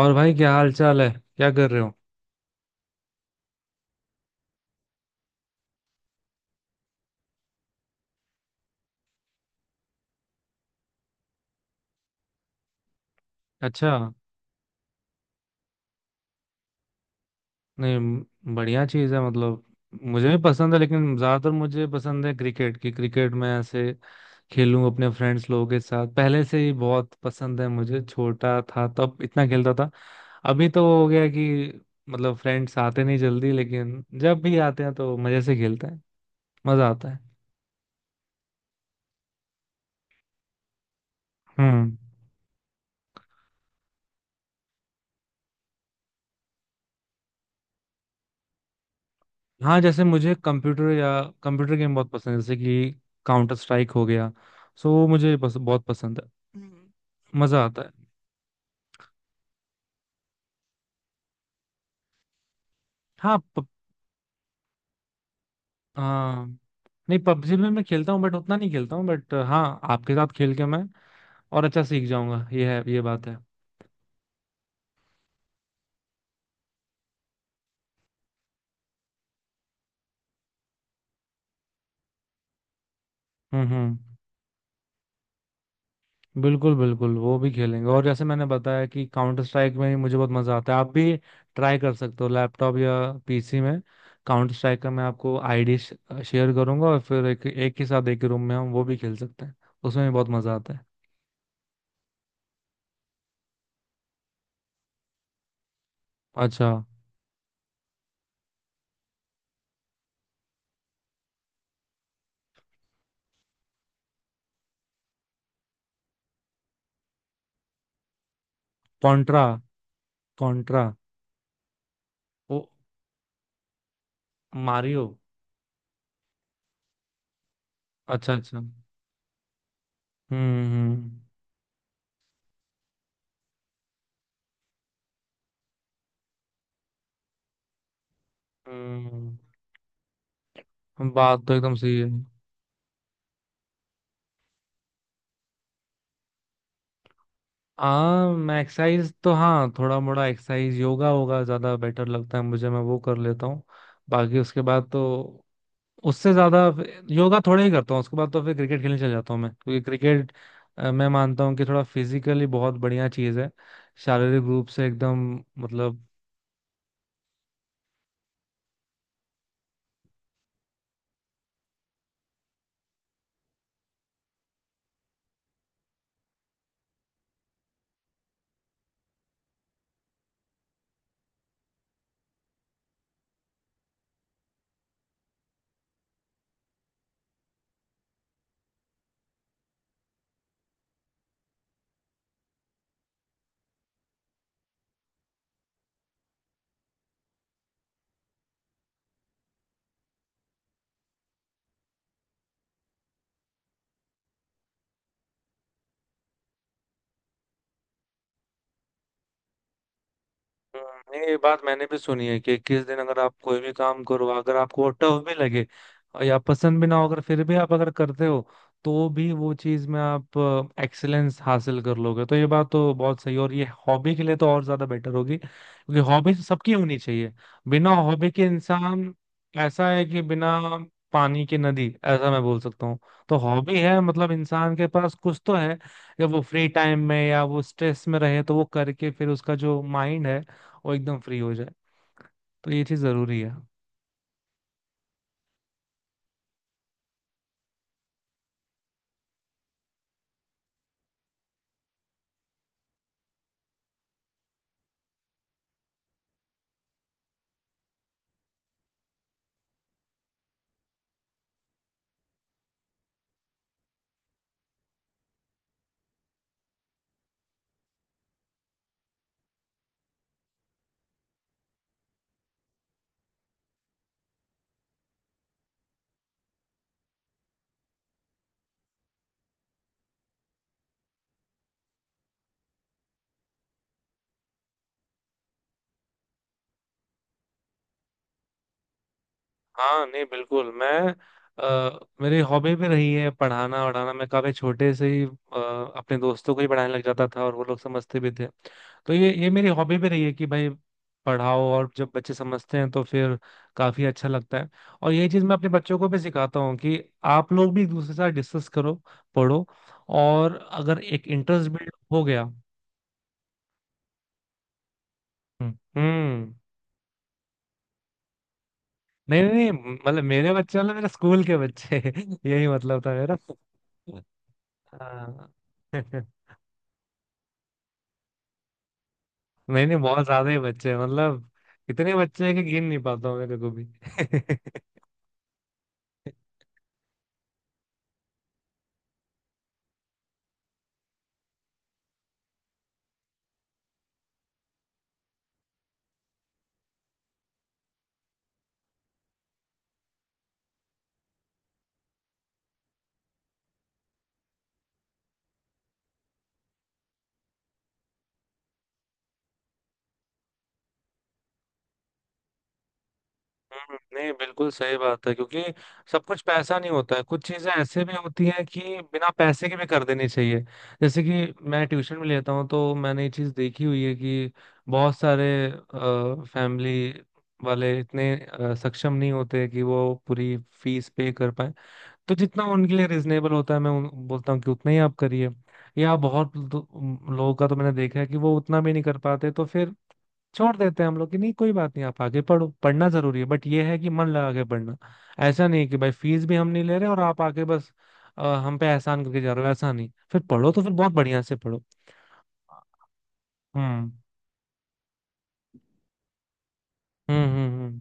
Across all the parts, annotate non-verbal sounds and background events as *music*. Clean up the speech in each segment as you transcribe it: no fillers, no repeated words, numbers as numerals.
और भाई, क्या हाल चाल है? क्या कर रहे हो? अच्छा। नहीं, बढ़िया चीज है, मतलब। मुझे भी पसंद है, लेकिन ज्यादातर मुझे पसंद है क्रिकेट की। क्रिकेट में ऐसे खेलूं अपने फ्रेंड्स लोगों के साथ, पहले से ही बहुत पसंद है मुझे। छोटा था तब इतना खेलता था, अभी तो हो गया कि मतलब फ्रेंड्स आते नहीं जल्दी, लेकिन जब भी आते हैं तो मजे से खेलते हैं। मजा आता है। हम्म। हाँ, जैसे मुझे कंप्यूटर या कंप्यूटर गेम बहुत पसंद है, जैसे कि काउंटर स्ट्राइक हो गया। सो वो मुझे बहुत पसंद है। मजा आता है। हाँ, हाँ। नहीं, पबजी में मैं खेलता हूँ बट उतना नहीं खेलता हूँ, बट हाँ आपके साथ खेल के मैं और अच्छा सीख जाऊंगा। ये है, ये बात है। हम्म, हम्म। बिल्कुल बिल्कुल, वो भी खेलेंगे। और जैसे मैंने बताया कि काउंटर स्ट्राइक में ही मुझे बहुत मजा आता है, आप भी ट्राई कर सकते हो लैपटॉप या पीसी में। काउंटर स्ट्राइक का मैं आपको आईडी शेयर करूंगा, और फिर एक एक ही साथ एक ही रूम में हम वो भी खेल सकते हैं। उसमें भी बहुत मजा आता है। अच्छा। कॉन्ट्रा। कॉन्ट्रा। वो, मारियो। अच्छा, अच्छा। हम्म हम्म बात तो एकदम सही है। आम एक्सरसाइज तो हाँ, थोड़ा मोड़ा एक्सरसाइज, योगा होगा ज्यादा बेटर लगता है मुझे, मैं वो कर लेता हूँ। बाकी उसके बाद तो उससे ज्यादा योगा थोड़ा ही करता हूँ। उसके बाद तो फिर क्रिकेट खेलने चल जाता हूँ मैं, क्योंकि क्रिकेट मैं मानता हूँ कि थोड़ा फिजिकली बहुत बढ़िया चीज है, शारीरिक रूप से एकदम, मतलब। ये बात मैंने भी सुनी है कि 21 दिन अगर आप कोई भी काम करो, अगर आपको वो टफ भी लगे और या पसंद भी ना हो, अगर फिर भी आप अगर करते हो तो भी वो चीज में आप एक्सेलेंस हासिल कर लोगे, तो ये बात तो बहुत सही है। और ये हॉबी के लिए तो और ज्यादा बेटर होगी, क्योंकि हॉबी तो सबकी होनी चाहिए। बिना हॉबी के इंसान ऐसा है कि बिना पानी की नदी, ऐसा मैं बोल सकता हूँ। तो हॉबी है मतलब इंसान के पास कुछ तो है, जब वो फ्री टाइम में या वो स्ट्रेस में रहे तो वो करके फिर उसका जो माइंड है वो एकदम फ्री हो जाए, तो ये चीज जरूरी है। हाँ, नहीं बिल्कुल मैं, मेरी हॉबी भी रही है पढ़ाना वढ़ाना। मैं काफी छोटे से ही अपने दोस्तों को ही पढ़ाने लग जाता था, और वो लोग समझते भी थे, तो ये मेरी हॉबी भी रही है कि भाई पढ़ाओ, और जब बच्चे समझते हैं तो फिर काफी अच्छा लगता है। और ये चीज मैं अपने बच्चों को भी सिखाता हूँ कि आप लोग भी एक दूसरे के साथ डिस्कस करो, पढ़ो, और अगर एक इंटरेस्ट बिल्ड हो गया। हम्म, हम्म। नहीं नहीं नहीं, मतलब मेरे बच्चे मतलब मेरे स्कूल के बच्चे *laughs* यही मतलब था मेरा। हाँ। *laughs* नहीं नहीं, बहुत ज्यादा ही बच्चे हैं, मतलब इतने बच्चे हैं कि गिन नहीं पाता हूँ मेरे को भी *laughs* नहीं बिल्कुल सही बात है, क्योंकि सब कुछ पैसा नहीं होता है, कुछ चीजें ऐसे भी होती हैं कि बिना पैसे के भी कर देनी चाहिए। जैसे कि मैं ट्यूशन में लेता हूँ, तो मैंने ये चीज देखी हुई है कि बहुत सारे फैमिली वाले इतने सक्षम नहीं होते कि वो पूरी फीस पे कर पाए। तो जितना उनके लिए रिजनेबल होता है मैं बोलता हूँ कि उतना ही आप करिए, या बहुत लोगों का तो मैंने देखा है कि वो उतना भी नहीं कर पाते, तो फिर छोड़ देते हैं हम लोग कि नहीं कोई बात नहीं, आप आगे पढ़ो, पढ़ना जरूरी है, बट ये है कि मन लगा के पढ़ना। ऐसा नहीं कि भाई फीस भी हम नहीं ले रहे और आप आके बस हम पे एहसान करके जा रहे हो, ऐसा नहीं। फिर पढ़ो तो फिर बहुत बढ़िया से पढ़ो। हम्म, हम्म, हम्म,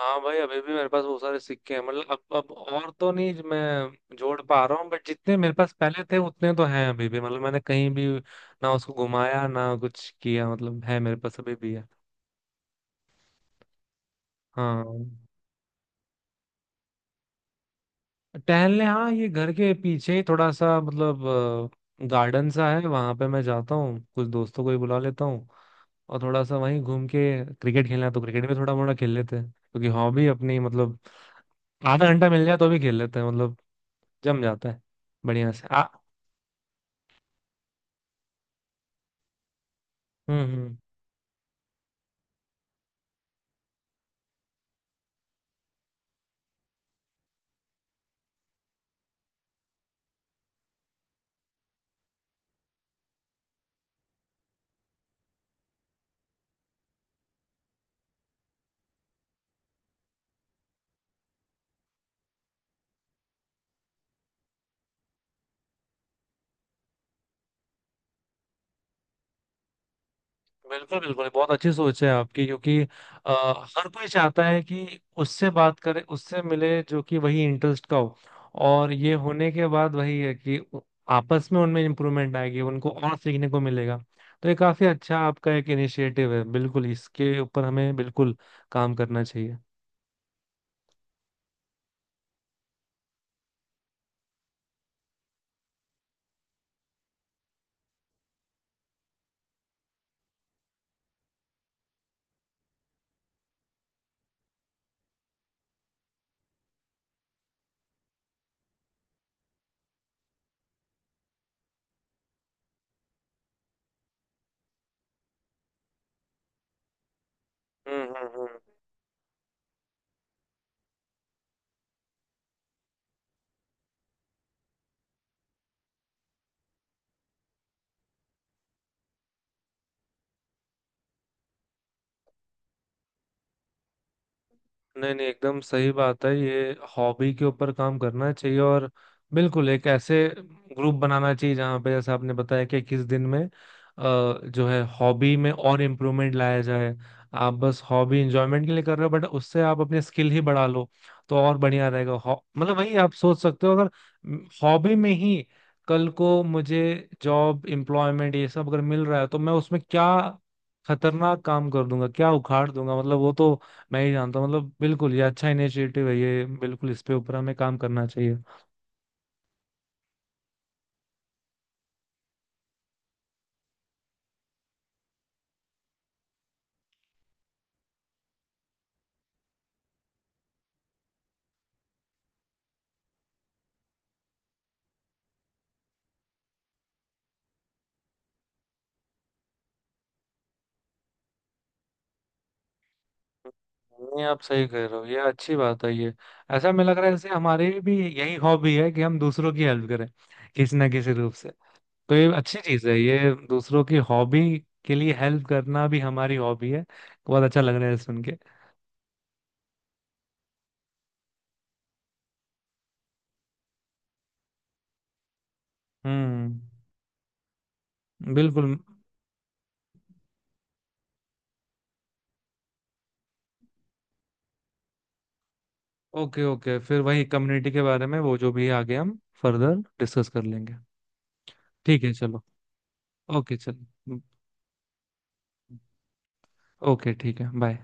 हाँ भाई, अभी भी मेरे पास बहुत सारे सिक्के हैं। मतलब अब और तो नहीं जो मैं जोड़ पा रहा हूँ, बट जितने मेरे पास पहले थे उतने तो हैं अभी भी, मतलब मैंने कहीं भी ना उसको घुमाया ना कुछ किया, मतलब है मेरे पास अभी भी है। हाँ, टहलने हाँ, ये घर के पीछे ही थोड़ा सा मतलब गार्डन सा है, वहां पे मैं जाता हूँ, कुछ दोस्तों को भी बुला लेता हूँ। और थोड़ा सा वहीं घूम के क्रिकेट खेलना है तो क्रिकेट भी थोड़ा मोड़ा खेल लेते हैं, क्योंकि हॉबी अपनी मतलब आधा घंटा मिल जाए तो भी खेल लेते हैं, मतलब जम जाता है। बढ़िया से आ। हम्म, हम्म। बिल्कुल बिल्कुल, बहुत अच्छी सोच है आपकी, क्योंकि हर कोई चाहता है कि उससे बात करे, उससे मिले, जो कि वही इंटरेस्ट का हो। और ये होने के बाद वही है कि आपस में उनमें इम्प्रूवमेंट आएगी, उनको और सीखने को मिलेगा। तो ये काफी अच्छा आपका एक इनिशिएटिव है, बिल्कुल इसके ऊपर हमें बिल्कुल काम करना चाहिए। हम्म, हम्म, नहीं नहीं, एकदम सही बात है ये। हॉबी के ऊपर काम करना चाहिए, और बिल्कुल एक ऐसे ग्रुप बनाना चाहिए जहाँ पे, जैसे आपने बताया कि किस दिन में जो है हॉबी में और इम्प्रूवमेंट लाया जाए। आप बस हॉबी इंजॉयमेंट के लिए कर रहे हो, बट उससे आप अपने स्किल ही बढ़ा लो तो और बढ़िया रहेगा। मतलब वही आप सोच सकते हो, अगर हॉबी में ही कल को मुझे जॉब एम्प्लॉयमेंट ये सब अगर मिल रहा है तो मैं उसमें क्या खतरनाक काम कर दूंगा, क्या उखाड़ दूंगा, मतलब वो तो मैं ही जानता हूँ। मतलब बिल्कुल ये अच्छा इनिशिएटिव है ये, बिल्कुल इस पे ऊपर हमें काम करना चाहिए। नहीं, आप सही कह रहे हो, ये अच्छी बात है ये। ऐसा मैं लग रहा है ऐसे, हमारी भी यही हॉबी है कि हम दूसरों की हेल्प करें किसी ना किसी रूप से। तो ये अच्छी चीज है, ये दूसरों की हॉबी के लिए हेल्प करना भी हमारी हॉबी है, बहुत अच्छा लग रहा है सुन के। हम्म। बिल्कुल। ओके, ओके, फिर वही कम्युनिटी के बारे में वो जो भी है आगे हम फर्दर डिस्कस कर लेंगे। ठीक है, चलो। ओके, चलो। ओके, ठीक है, बाय।